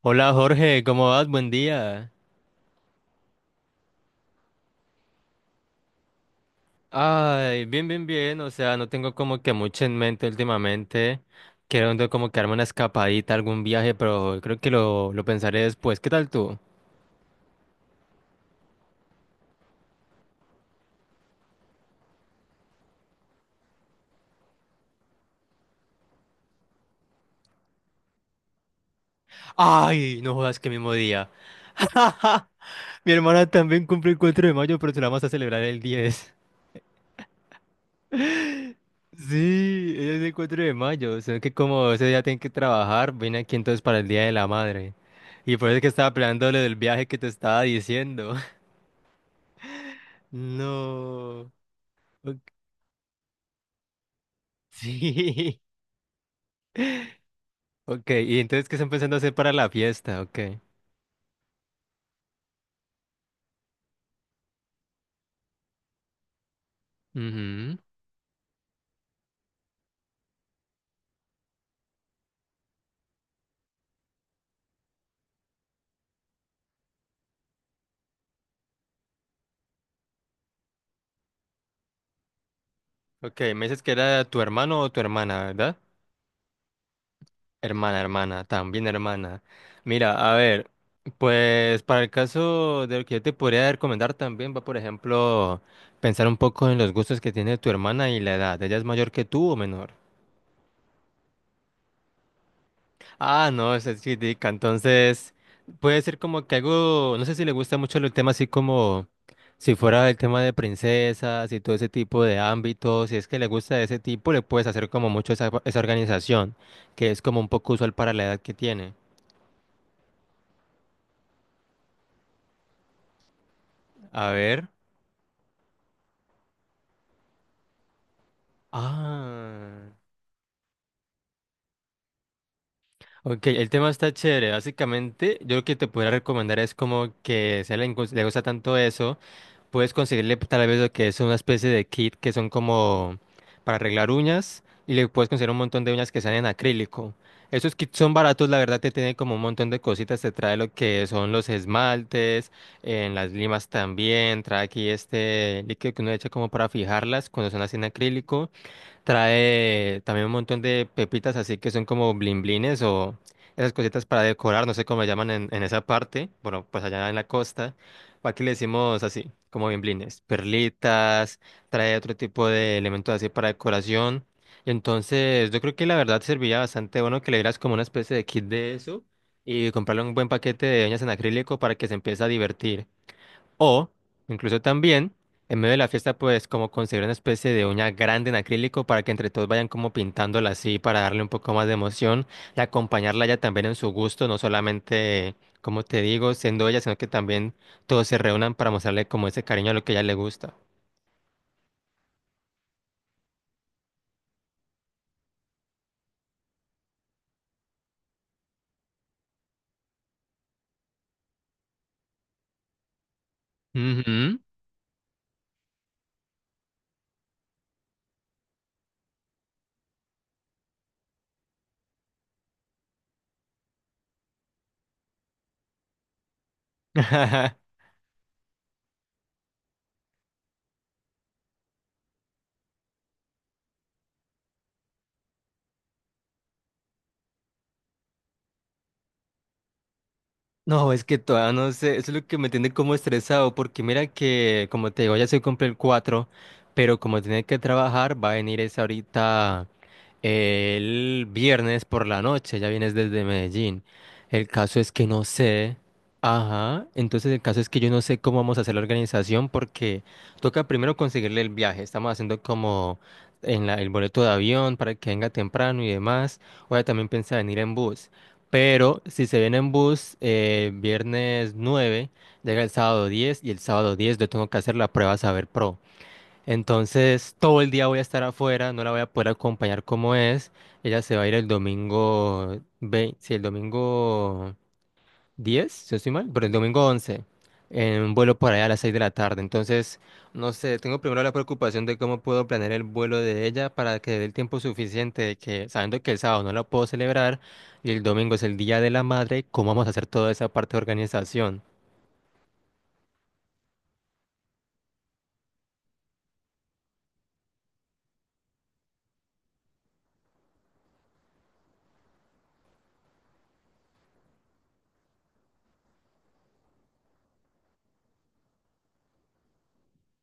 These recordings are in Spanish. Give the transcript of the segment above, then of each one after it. Hola Jorge, ¿cómo vas? Buen día. Ay, bien, bien, bien. O sea, no tengo como que mucho en mente últimamente. Quiero como que darme una escapadita, algún viaje, pero creo que lo pensaré después. ¿Qué tal tú? Ay, no jodas, que mismo día. Mi hermana también cumple el 4 de mayo, pero se la vamos a celebrar el 10. Sí, ella es el 4 de mayo. O que como ese día tiene que trabajar, vine aquí entonces para el Día de la Madre. Y por eso es que estaba planeando lo del viaje que te estaba diciendo. No. Ok. Sí. Ok, y entonces, ¿qué están pensando hacer para la fiesta? Ok. Ujú. Ok, me dices que era tu hermano o tu hermana, ¿verdad? Hermana, hermana, también hermana. Mira, a ver, pues para el caso de lo que yo te podría recomendar también va, por ejemplo, pensar un poco en los gustos que tiene tu hermana y la edad. ¿Ella es mayor que tú o menor? Ah, no, esa es chidica. Entonces, puede ser como que algo, no sé si le gusta mucho el tema así como si fuera el tema de princesas y todo ese tipo de ámbitos, si es que le gusta de ese tipo, le puedes hacer como mucho esa organización, que es como un poco usual para la edad que tiene. A ver. Ah. Ok, el tema está chévere. Básicamente, yo lo que te podría recomendar es como que si a él le gusta tanto eso. Puedes conseguirle pues, tal vez lo que es una especie de kit que son como para arreglar uñas y le puedes conseguir un montón de uñas que sean en acrílico. Esos kits son baratos, la verdad te tienen como un montón de cositas, te trae lo que son los esmaltes, en las limas también, trae aquí este líquido que uno echa como para fijarlas cuando son así en acrílico. Trae también un montón de pepitas así que son como blimblines o esas cositas para decorar, no sé cómo le llaman en esa parte, bueno, pues allá en la costa. Aquí le decimos así, como blimblines, perlitas, trae otro tipo de elementos así para decoración. Y entonces yo creo que la verdad servía bastante bueno que le dieras como una especie de kit de eso y comprarle un buen paquete de uñas en acrílico para que se empiece a divertir. O, incluso también, en medio de la fiesta, pues como conseguir una especie de uña grande en acrílico para que entre todos vayan como pintándola así para darle un poco más de emoción y acompañarla ya también en su gusto, no solamente, como te digo, siendo ella, sino que también todos se reúnan para mostrarle como ese cariño a lo que a ella le gusta. Ujú. No, es que todavía no sé, eso es lo que me tiene como estresado, porque mira que, como te digo, ya se cumple el 4, pero como tiene que trabajar, va a venir es ahorita, el viernes por la noche, ya vienes desde Medellín. El caso es que no sé, ajá, entonces el caso es que yo no sé cómo vamos a hacer la organización, porque toca primero conseguirle el viaje, estamos haciendo como el boleto de avión para que venga temprano y demás, o ya también piensa venir en bus. Pero si se viene en bus, viernes 9, llega el sábado 10 y el sábado 10 yo tengo que hacer la prueba Saber Pro. Entonces todo el día voy a estar afuera, no la voy a poder acompañar como es. Ella se va a ir el domingo, si el domingo 10 si no estoy mal, pero el domingo 11 en un vuelo por allá a las 6 de la tarde. Entonces, no sé, tengo primero la preocupación de cómo puedo planear el vuelo de ella para que dé el tiempo suficiente, de que sabiendo que el sábado no la puedo celebrar y el domingo es el Día de la Madre, ¿cómo vamos a hacer toda esa parte de organización?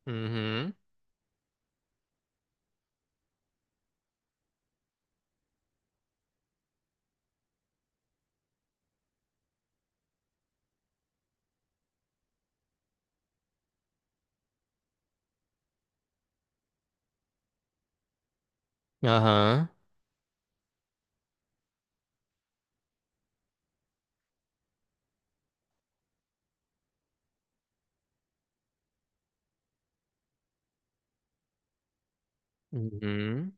Ujú. Ajá. Ujú.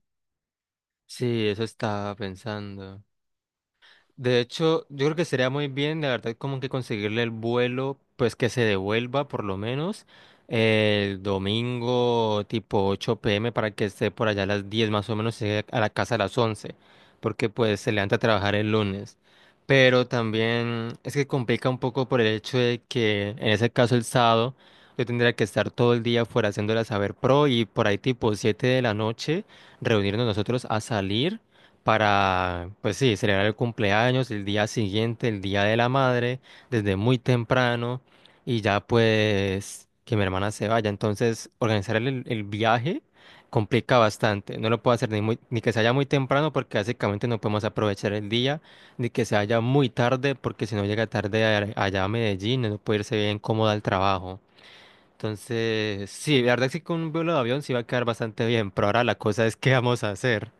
Sí, eso estaba pensando. De hecho, yo creo que sería muy bien, la verdad, como que conseguirle el vuelo, pues que se devuelva por lo menos el domingo tipo 8 p.m. para que esté por allá a las 10 más o menos, y llegue a la casa a las 11, porque pues se levanta a trabajar el lunes. Pero también es que complica un poco por el hecho de que en ese caso el sábado yo tendría que estar todo el día fuera haciéndola saber pro y por ahí tipo 7 de la noche reunirnos nosotros a salir para, pues sí, celebrar el cumpleaños, el día siguiente, el día de la madre, desde muy temprano, y ya pues que mi hermana se vaya. Entonces, organizar el viaje complica bastante. No lo puedo hacer ni ni que se haya muy temprano, porque básicamente no podemos aprovechar el día, ni que se haya muy tarde, porque si no llega tarde allá a Medellín, no puede irse bien cómoda al trabajo. Entonces, sí, la verdad es que con un vuelo de avión sí va a quedar bastante bien, pero ahora la cosa es qué vamos a hacer.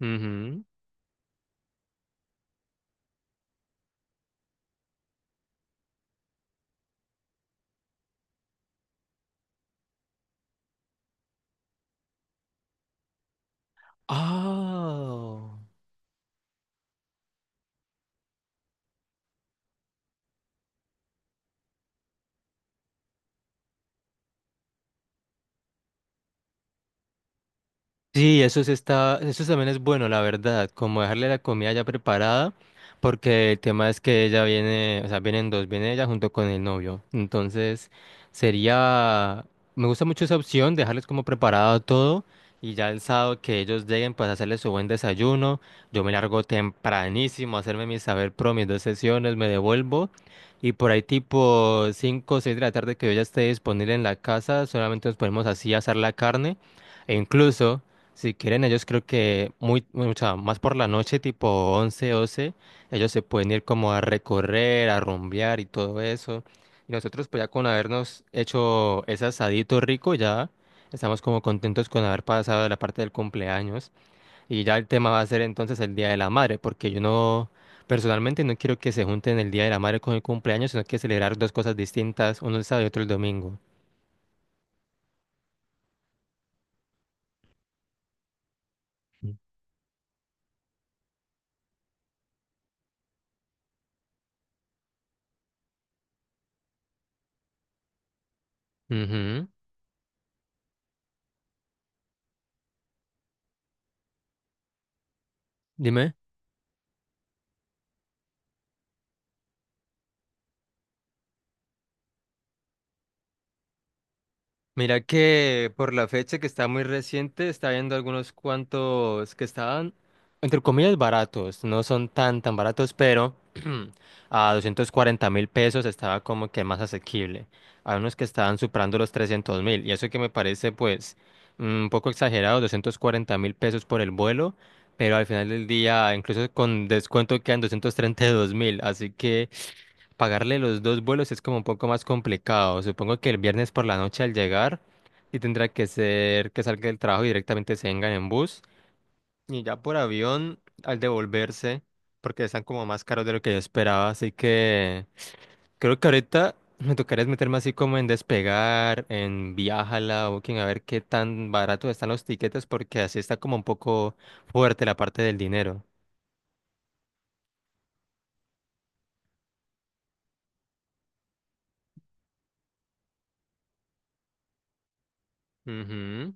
Ujú. Oh. Sí, eso sí está, eso también es bueno, la verdad, como dejarle la comida ya preparada, porque el tema es que ella viene, o sea, vienen dos, viene ella junto con el novio. Entonces, sería, me gusta mucho esa opción, dejarles como preparado todo y ya el sábado que ellos lleguen, pues hacerles su buen desayuno. Yo me largo tempranísimo a hacerme mi saber pro, mis dos sesiones, me devuelvo y por ahí tipo 5, o 6 de la tarde que yo ya esté disponible en la casa, solamente nos ponemos así a asar la carne. E incluso si quieren, ellos creo que o sea, más por la noche, tipo 11, 12, ellos se pueden ir como a recorrer, a rumbear y todo eso. Y nosotros pues ya con habernos hecho ese asadito rico, ya estamos como contentos con haber pasado la parte del cumpleaños. Y ya el tema va a ser entonces el Día de la Madre, porque yo no, personalmente no quiero que se junten el Día de la Madre con el cumpleaños, sino que celebrar dos cosas distintas, uno el sábado y otro el domingo. Ujú. Dime. Mira que por la fecha que está muy reciente, está viendo algunos cuantos que estaban, entre comillas, baratos. No son tan tan baratos, pero a 240.000 pesos estaba como que más asequible. Hay unos que estaban superando los 300.000. Y eso que me parece pues un poco exagerado, 240.000 pesos por el vuelo, pero al final del día, incluso con descuento, quedan 232.000. Así que... Pagarle los dos vuelos es como un poco más complicado. Supongo que el viernes por la noche al llegar y tendrá que ser que salga del trabajo y directamente se vengan en bus y ya por avión al devolverse porque están como más caros de lo que yo esperaba. Así que creo que ahorita me tocaría es meterme así como en Despegar, en Viajala, Booking, a ver qué tan barato están los tiquetes porque así está como un poco fuerte la parte del dinero. Ujú.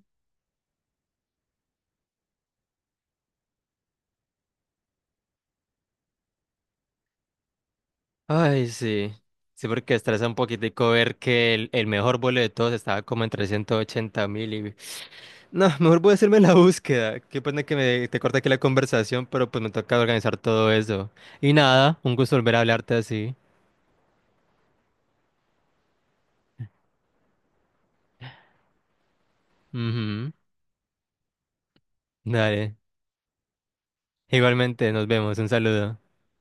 Ay, sí. Sí, porque estresa un poquitico ver que el mejor vuelo de todos estaba como en 380.000 y... No, mejor voy a hacerme la búsqueda. Qué pena que me, te corta aquí la conversación, pero pues me toca organizar todo eso. Y nada, un gusto volver a hablarte así. Ujú. Dale. Igualmente, nos vemos. Un saludo.